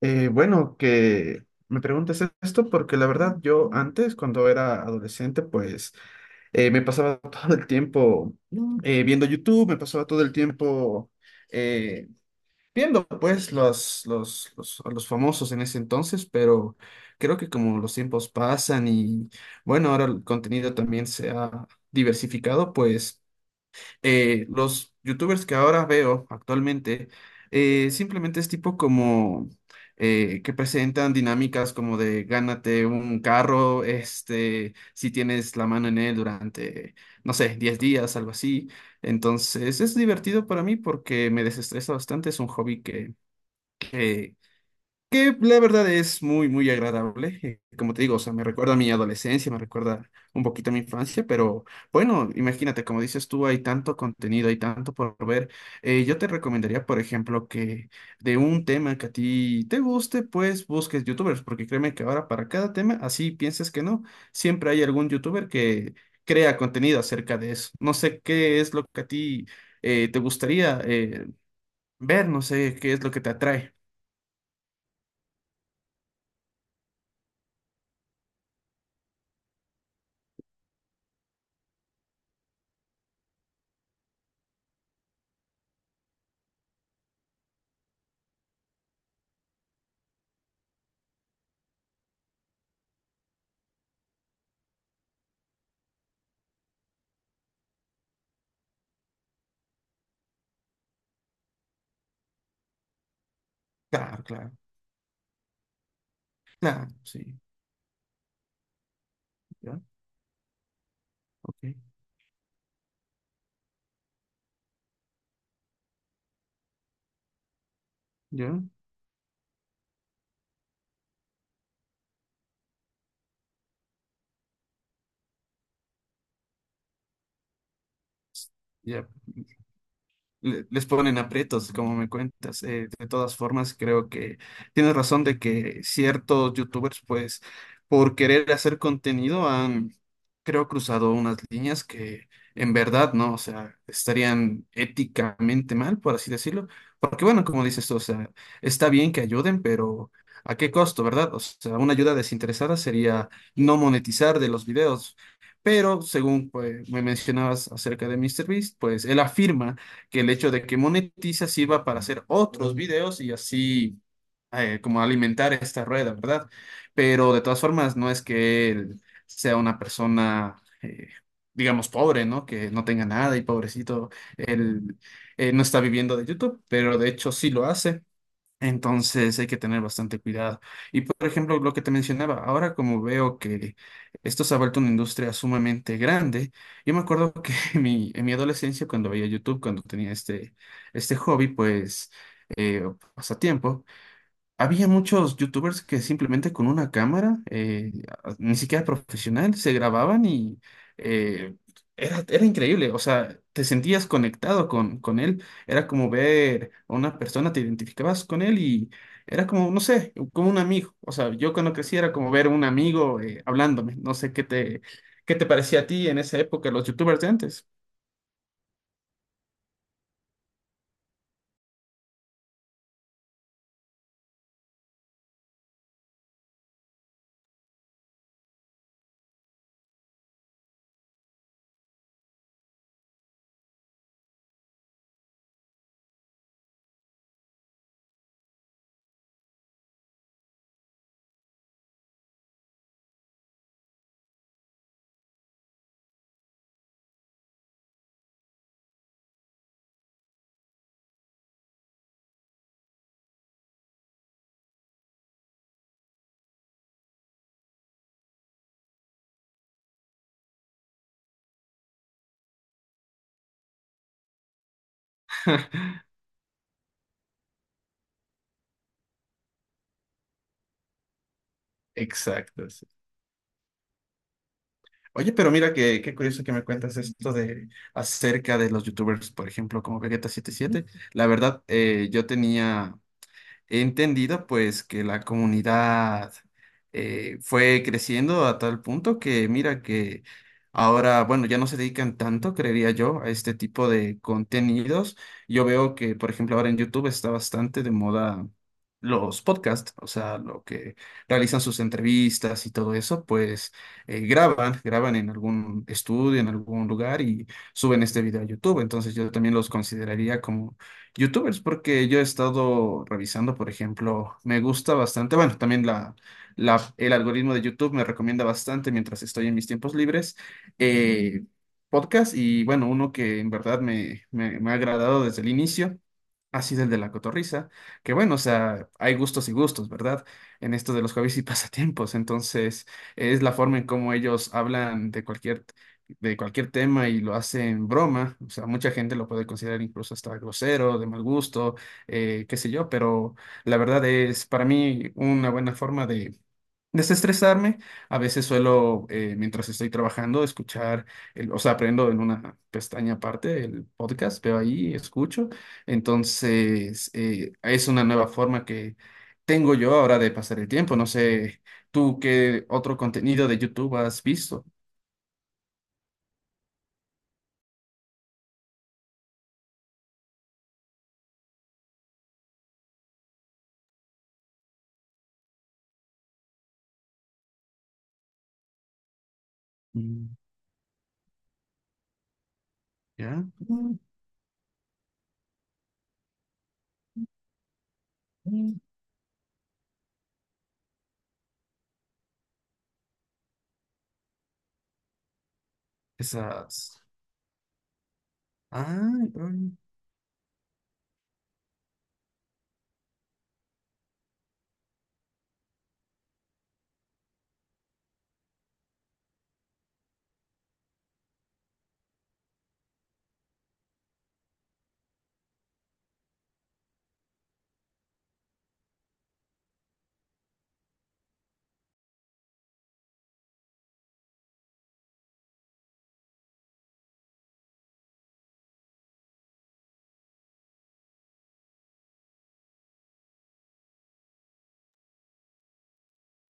Bueno, que me preguntes esto porque la verdad yo antes, cuando era adolescente, pues me pasaba todo el tiempo viendo YouTube, me pasaba todo el tiempo eh, viendo pues a los famosos en ese entonces, pero creo que como los tiempos pasan y bueno, ahora el contenido también se ha diversificado, pues los youtubers que ahora veo actualmente, simplemente es tipo como que presentan dinámicas como de gánate un carro, este, si tienes la mano en él durante, no sé, 10 días, algo así. Entonces es divertido para mí porque me desestresa bastante, es un hobby que la verdad es muy, muy agradable. Como te digo, o sea, me recuerda a mi adolescencia, me recuerda un poquito a mi infancia, pero bueno, imagínate, como dices tú, hay tanto contenido, hay tanto por ver. Yo te recomendaría, por ejemplo, que de un tema que a ti te guste, pues busques youtubers, porque créeme que ahora para cada tema, así pienses que no, siempre hay algún youtuber que crea contenido acerca de eso. No sé qué es lo que a ti te gustaría ver, no sé qué es lo que te atrae. Claro, claro. Claro, sí, ya, ok, ya, ya, les ponen aprietos, como me cuentas. De todas formas, creo que tienes razón de que ciertos youtubers, pues, por querer hacer contenido, han, creo, cruzado unas líneas que en verdad, ¿no? O sea, estarían éticamente mal, por así decirlo. Porque, bueno, como dices tú, o sea, está bien que ayuden, pero ¿a qué costo, verdad? O sea, una ayuda desinteresada sería no monetizar de los videos. Pero según pues, me mencionabas acerca de MrBeast, pues él afirma que el hecho de que monetiza sirva para hacer otros videos y así como alimentar esta rueda, ¿verdad? Pero de todas formas, no es que él sea una persona, eh, digamos, pobre, ¿no? Que no tenga nada y pobrecito, él no está viviendo de YouTube, pero de hecho sí lo hace. Entonces hay que tener bastante cuidado. Y por ejemplo, lo que te mencionaba, ahora como veo que esto se ha vuelto una industria sumamente grande, yo me acuerdo que en mi adolescencia, cuando veía YouTube, cuando tenía este hobby, pues, o pasatiempo, había muchos youtubers que simplemente con una cámara, ni siquiera profesional, se grababan y eh, era increíble. O sea, te sentías conectado con él. Era como ver a una persona, te identificabas con él y era como, no sé, como un amigo. O sea, yo cuando crecí era como ver a un amigo hablándome. No sé qué qué te parecía a ti en esa época, los youtubers de antes. Exacto. Oye, pero mira que, qué curioso que me cuentas esto de acerca de los youtubers, por ejemplo, como Vegeta77. La verdad, yo tenía he entendido pues que la comunidad fue creciendo a tal punto que mira que ahora, bueno, ya no se dedican tanto, creería yo, a este tipo de contenidos. Yo veo que, por ejemplo, ahora en YouTube está bastante de moda los podcasts, o sea, lo que realizan sus entrevistas y todo eso, pues graban en algún estudio, en algún lugar y suben este video a YouTube. Entonces yo también los consideraría como youtubers, porque yo he estado revisando, por ejemplo, me gusta bastante, bueno, también el algoritmo de YouTube me recomienda bastante mientras estoy en mis tiempos libres, eh, podcast y bueno, uno que en verdad me ha agradado desde el inicio. Ha sido el de la cotorrisa, que bueno, o sea, hay gustos y gustos, ¿verdad? En esto de los hobbies y pasatiempos, entonces es la forma en cómo ellos hablan de cualquier tema y lo hace en broma, o sea, mucha gente lo puede considerar incluso hasta grosero, de mal gusto, qué sé yo, pero la verdad es para mí una buena forma de desestresarme. A veces suelo, mientras estoy trabajando, escuchar, o sea, aprendo en una pestaña aparte el podcast, veo ahí, escucho. Entonces, es una nueva forma que tengo yo ahora de pasar el tiempo. No sé, ¿tú qué otro contenido de YouTube has visto? ¿Ya? Mm, mm. Esas. Ah,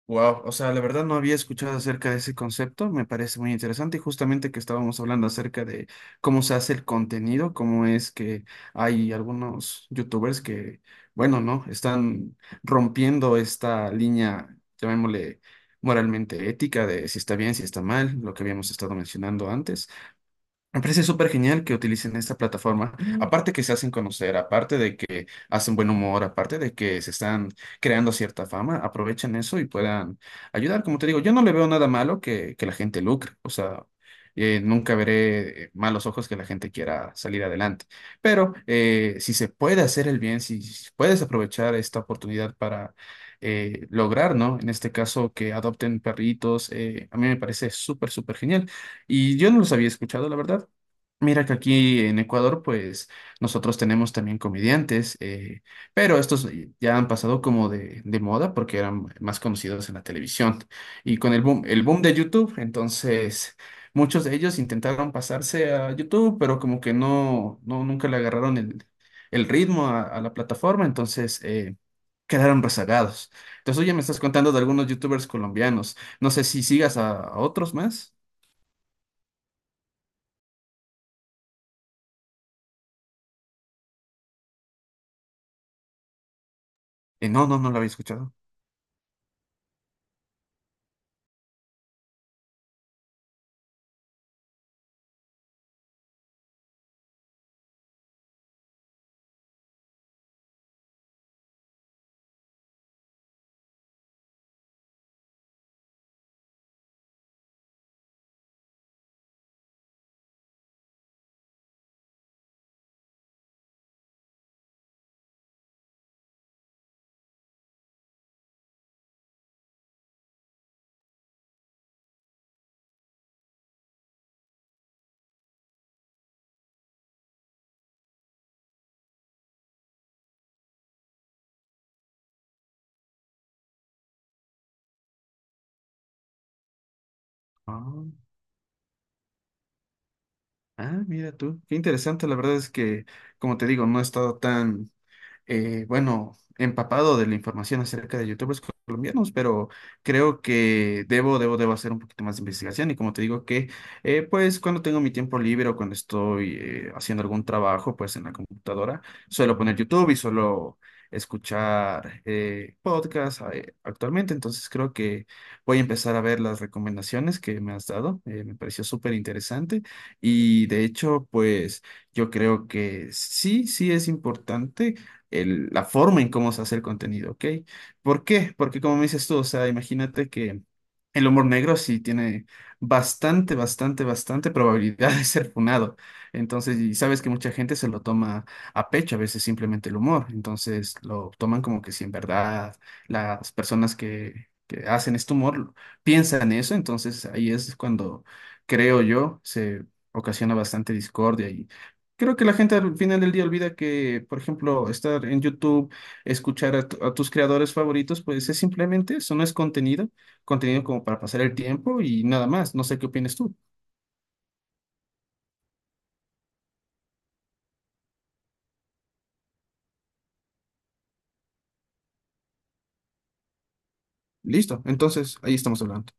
wow, o sea, la verdad no había escuchado acerca de ese concepto, me parece muy interesante y justamente que estábamos hablando acerca de cómo se hace el contenido, cómo es que hay algunos youtubers que, bueno, ¿no? Están rompiendo esta línea, llamémosle moralmente ética de si está bien, si está mal, lo que habíamos estado mencionando antes. Me parece súper genial que utilicen esta plataforma. Mm. Aparte que se hacen conocer, aparte de que hacen buen humor, aparte de que se están creando cierta fama, aprovechan eso y puedan ayudar. Como te digo, yo no le veo nada malo que la gente lucre. O sea, nunca veré malos ojos que la gente quiera salir adelante. Pero si se puede hacer el bien, si puedes aprovechar esta oportunidad para lograr, ¿no? En este caso, que adopten perritos, a mí me parece súper, súper genial. Y yo no los había escuchado, la verdad. Mira que aquí en Ecuador, pues nosotros tenemos también comediantes, pero estos ya han pasado como de moda porque eran más conocidos en la televisión. Y con el boom de YouTube, entonces muchos de ellos intentaron pasarse a YouTube, pero como que no, nunca le agarraron el ritmo a la plataforma, entonces quedaron rezagados. Entonces, oye, me estás contando de algunos YouTubers colombianos. No sé si sigas a otros más. No, no, no la había escuchado. Ah, ah, mira tú. Qué interesante. La verdad es que, como te digo, no he estado tan, bueno, empapado de la información acerca de youtubers colombianos, pero creo que debo hacer un poquito más de investigación y como te digo que, pues cuando tengo mi tiempo libre o cuando estoy haciendo algún trabajo, pues en la computadora, suelo poner YouTube y suelo escuchar podcasts actualmente, entonces creo que voy a empezar a ver las recomendaciones que me has dado, me pareció súper interesante y de hecho, pues yo creo que sí, sí es importante la forma en cómo se hace el contenido, ¿ok? ¿Por qué? Porque como me dices tú, o sea, imagínate que el humor negro sí tiene bastante, bastante, bastante probabilidad de ser funado. Entonces, y sabes que mucha gente se lo toma a pecho, a veces simplemente el humor. Entonces, lo toman como que si en verdad las personas que hacen este humor piensan eso, entonces ahí es cuando, creo yo, se ocasiona bastante discordia y creo que la gente al final del día olvida que, por ejemplo, estar en YouTube, escuchar a tus creadores favoritos, pues es simplemente eso, no es contenido, contenido como para pasar el tiempo y nada más. No sé qué opinas tú. Listo, entonces ahí estamos hablando.